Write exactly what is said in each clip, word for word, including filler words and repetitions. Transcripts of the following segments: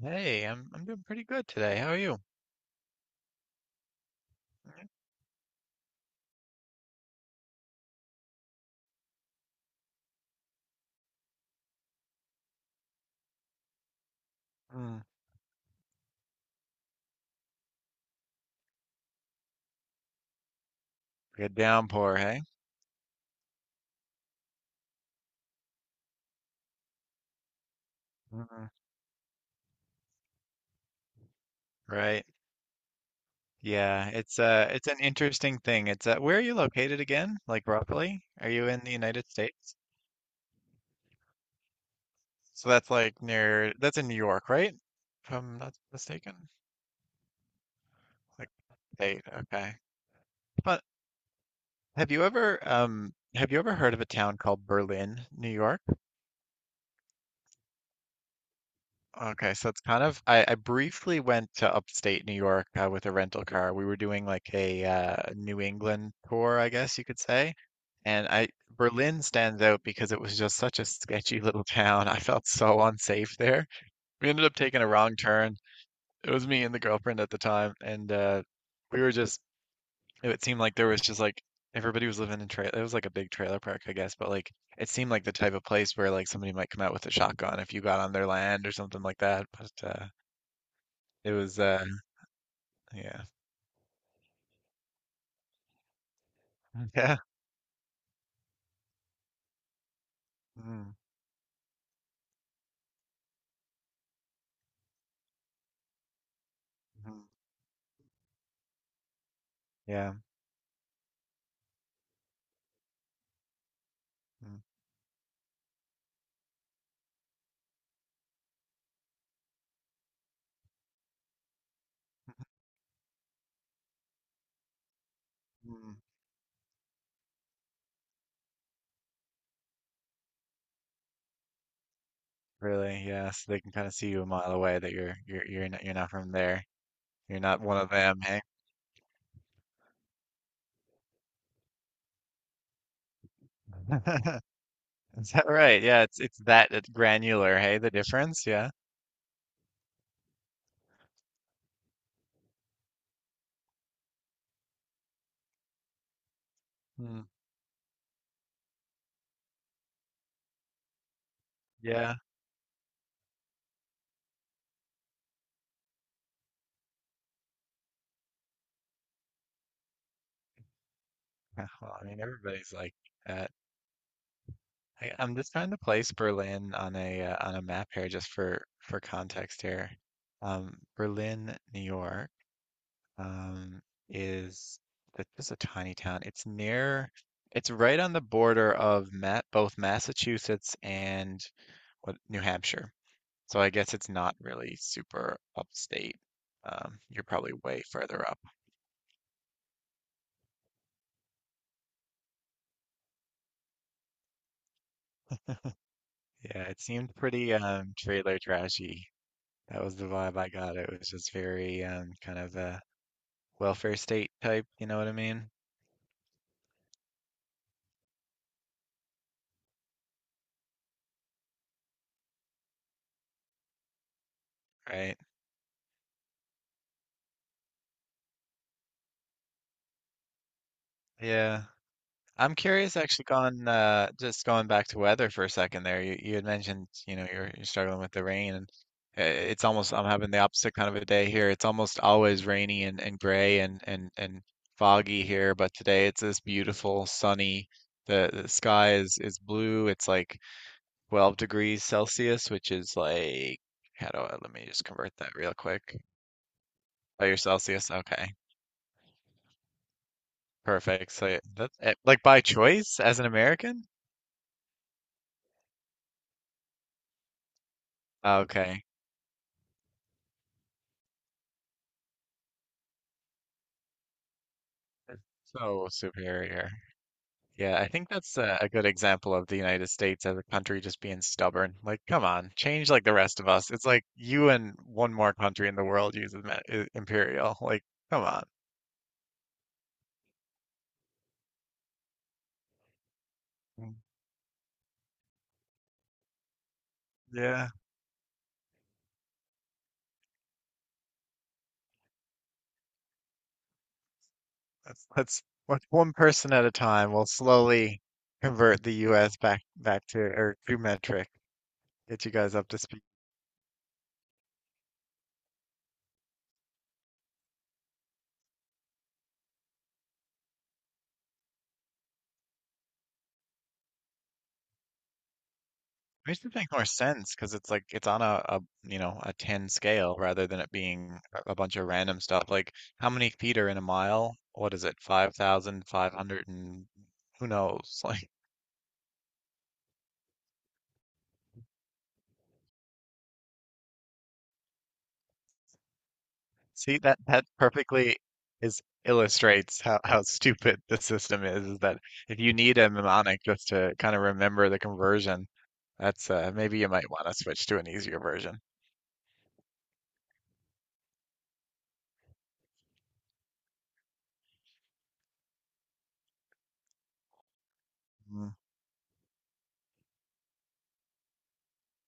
Hey, I'm I'm doing pretty good today. How are you? Mm, Good downpour, hey? Mm, right. Yeah, it's uh it's an interesting thing. It's uh where are you located again? Like, roughly? Are you in the United States? So that's like, near, that's in New York, right? If I'm not mistaken. Like, state, okay. But have you ever um have you ever heard of a town called Berlin, New York? Okay, so it's kind of, I, I briefly went to upstate New York, uh, with a rental car. We were doing like a uh, New England tour, I guess you could say. And I Berlin stands out because it was just such a sketchy little town. I felt so unsafe there. We ended up taking a wrong turn. It was me and the girlfriend at the time, and uh, we were just. It seemed like there was just like everybody was living in trailer. It was like a big trailer park, I guess, but like it seemed like the type of place where like somebody might come out with a shotgun if you got on their land or something like that. But uh, it was, uh yeah. Yeah. Mm, mhm, yeah. Mm, mm. Really, yeah. So they can kind of see you a mile away that you're you're you're not you're not from there. You're not one of them, hey? Is that right? Yeah, it's it's that at granular, hey, the difference, yeah. Mm, yeah. Yeah, well, I mean everybody's like that. I, I'm just trying to place Berlin on a uh, on a map here just for for context here. Um, Berlin, New York. Um, is that is just a tiny town. It's near, it's right on the border of Ma both Massachusetts and, what, New Hampshire. So I guess it's not really super upstate. Um, you're probably way further up. Yeah, it seemed pretty, um, trailer trashy. That was the vibe I got. It was just very, um, kind of a welfare state type, you know what I mean? Right. Yeah. I'm curious, actually, gone uh just going back to weather for a second there. You you had mentioned, you know, you're you're struggling with the rain and, uh, it's almost I'm having the opposite kind of a day here. It's almost always rainy, and, and gray, and, and and foggy here, but today it's this beautiful sunny. The, the sky is is blue. It's like twelve degrees Celsius, which is like, how do I let me just convert that real quick. Oh, your Celsius. Okay. Perfect. So yeah, that, eh, like by choice as an American? Okay. So superior. Yeah, I think that's a, a good example of the United States as a country just being stubborn. Like, come on, change like the rest of us. It's like you and one more country in the world uses ma- i- imperial. Like, come on. Mm. Yeah, let's let's one one person at a time. We'll slowly convert the U S back back to or to metric. Get you guys up to speed. Makes it make more sense because it's like it's on a, a you know a ten scale rather than it being a a bunch of random stuff. Like, how many feet are in a mile? What is it? five thousand five hundred and who knows? Like, see, that that perfectly is illustrates how, how stupid the system is, is that if you need a mnemonic just to kind of remember the conversion, that's, uh, maybe you might want to switch to an easier version.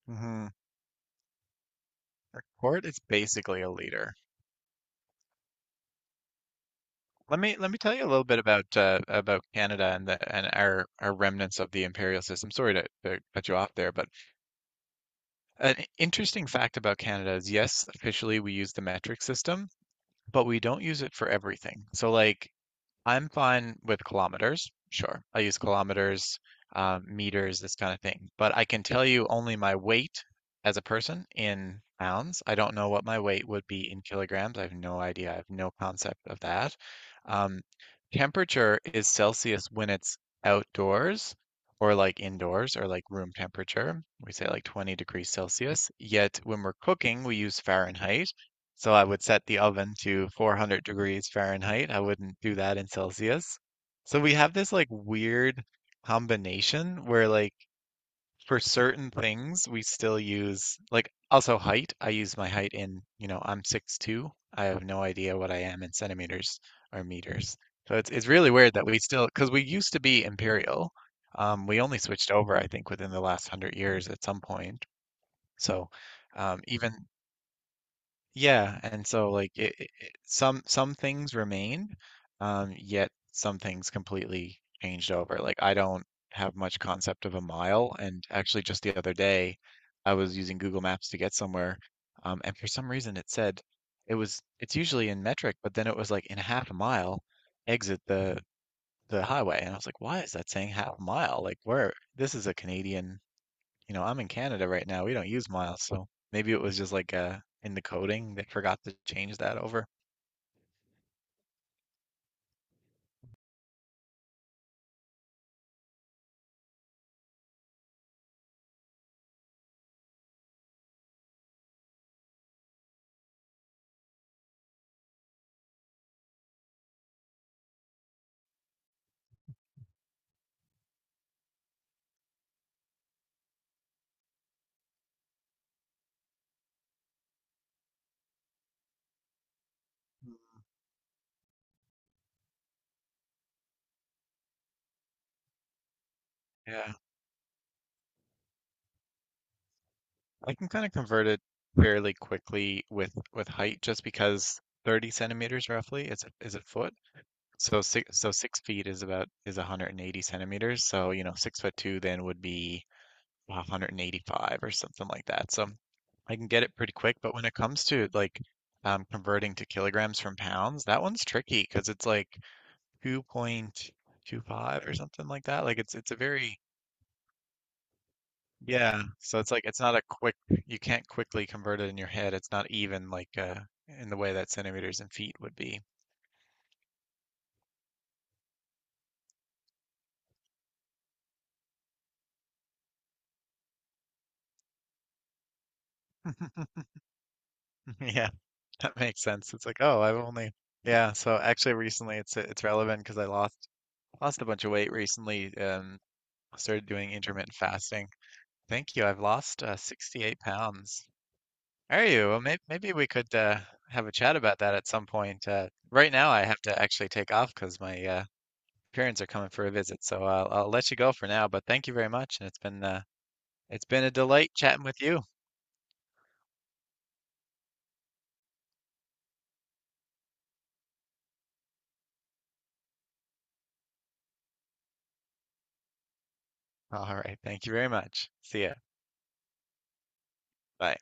Mm-hmm. A quart is basically a liter. Let me let me tell you a little bit about uh, about Canada and the and our our remnants of the imperial system. Sorry to, to cut you off there, but an interesting fact about Canada is, yes, officially we use the metric system, but we don't use it for everything. So like, I'm fine with kilometers. Sure. I use kilometers, um, meters, this kind of thing. But I can tell you only my weight as a person in pounds. I don't know what my weight would be in kilograms. I have no idea. I have no concept of that. Um, Temperature is Celsius when it's outdoors or like indoors or like room temperature. We say like twenty degrees Celsius. Yet when we're cooking, we use Fahrenheit. So I would set the oven to four hundred degrees Fahrenheit. I wouldn't do that in Celsius. So we have this like weird combination where like for certain things we still use, like, also height. I use my height in, you know, I'm six two. I have no idea what I am in centimeters or meters. So it's it's really weird that we still, because we used to be imperial. Um, we only switched over, I think, within the last hundred years at some point. So, um, even, yeah, and so like, it, it, it- some some things remain, um, yet some things completely changed over. Like, I don't have much concept of a mile, and actually just the other day, I was using Google Maps to get somewhere, um, and for some reason it said it was it's usually in metric, but then it was like in a half a mile, exit the the highway, and I was like, why is that saying half a mile? Like, where this is a Canadian, you know, I'm in Canada right now. We don't use miles, so maybe it was just like, uh in the coding they forgot to change that over. Mm. Yeah, I can kind of convert it fairly quickly with with height just because thirty centimeters roughly is a, is a foot. So six so six feet is about is one hundred eighty centimeters. So you know six foot two then would be one hundred eighty-five or something like that. So I can get it pretty quick. But when it comes to like, um, converting to kilograms from pounds, that one's tricky because it's like two point two five or something like that. Like it's it's a very, yeah. So it's like, it's not a quick. You can't quickly convert it in your head. It's not even like, uh in the way that centimeters and feet would be. Yeah, that makes sense. It's like, oh, I've only, yeah. So actually, recently it's it's relevant because I lost lost a bunch of weight recently. Um, started doing intermittent fasting. Thank you. I've lost, uh, sixty-eight pounds. Are you? Well, maybe, maybe we could, uh, have a chat about that at some point. Uh, right now, I have to actually take off because my, uh, parents are coming for a visit, so I'll, I'll let you go for now. But thank you very much, and it's been uh, it's been a delight chatting with you. All right. Thank you very much. See ya. Bye.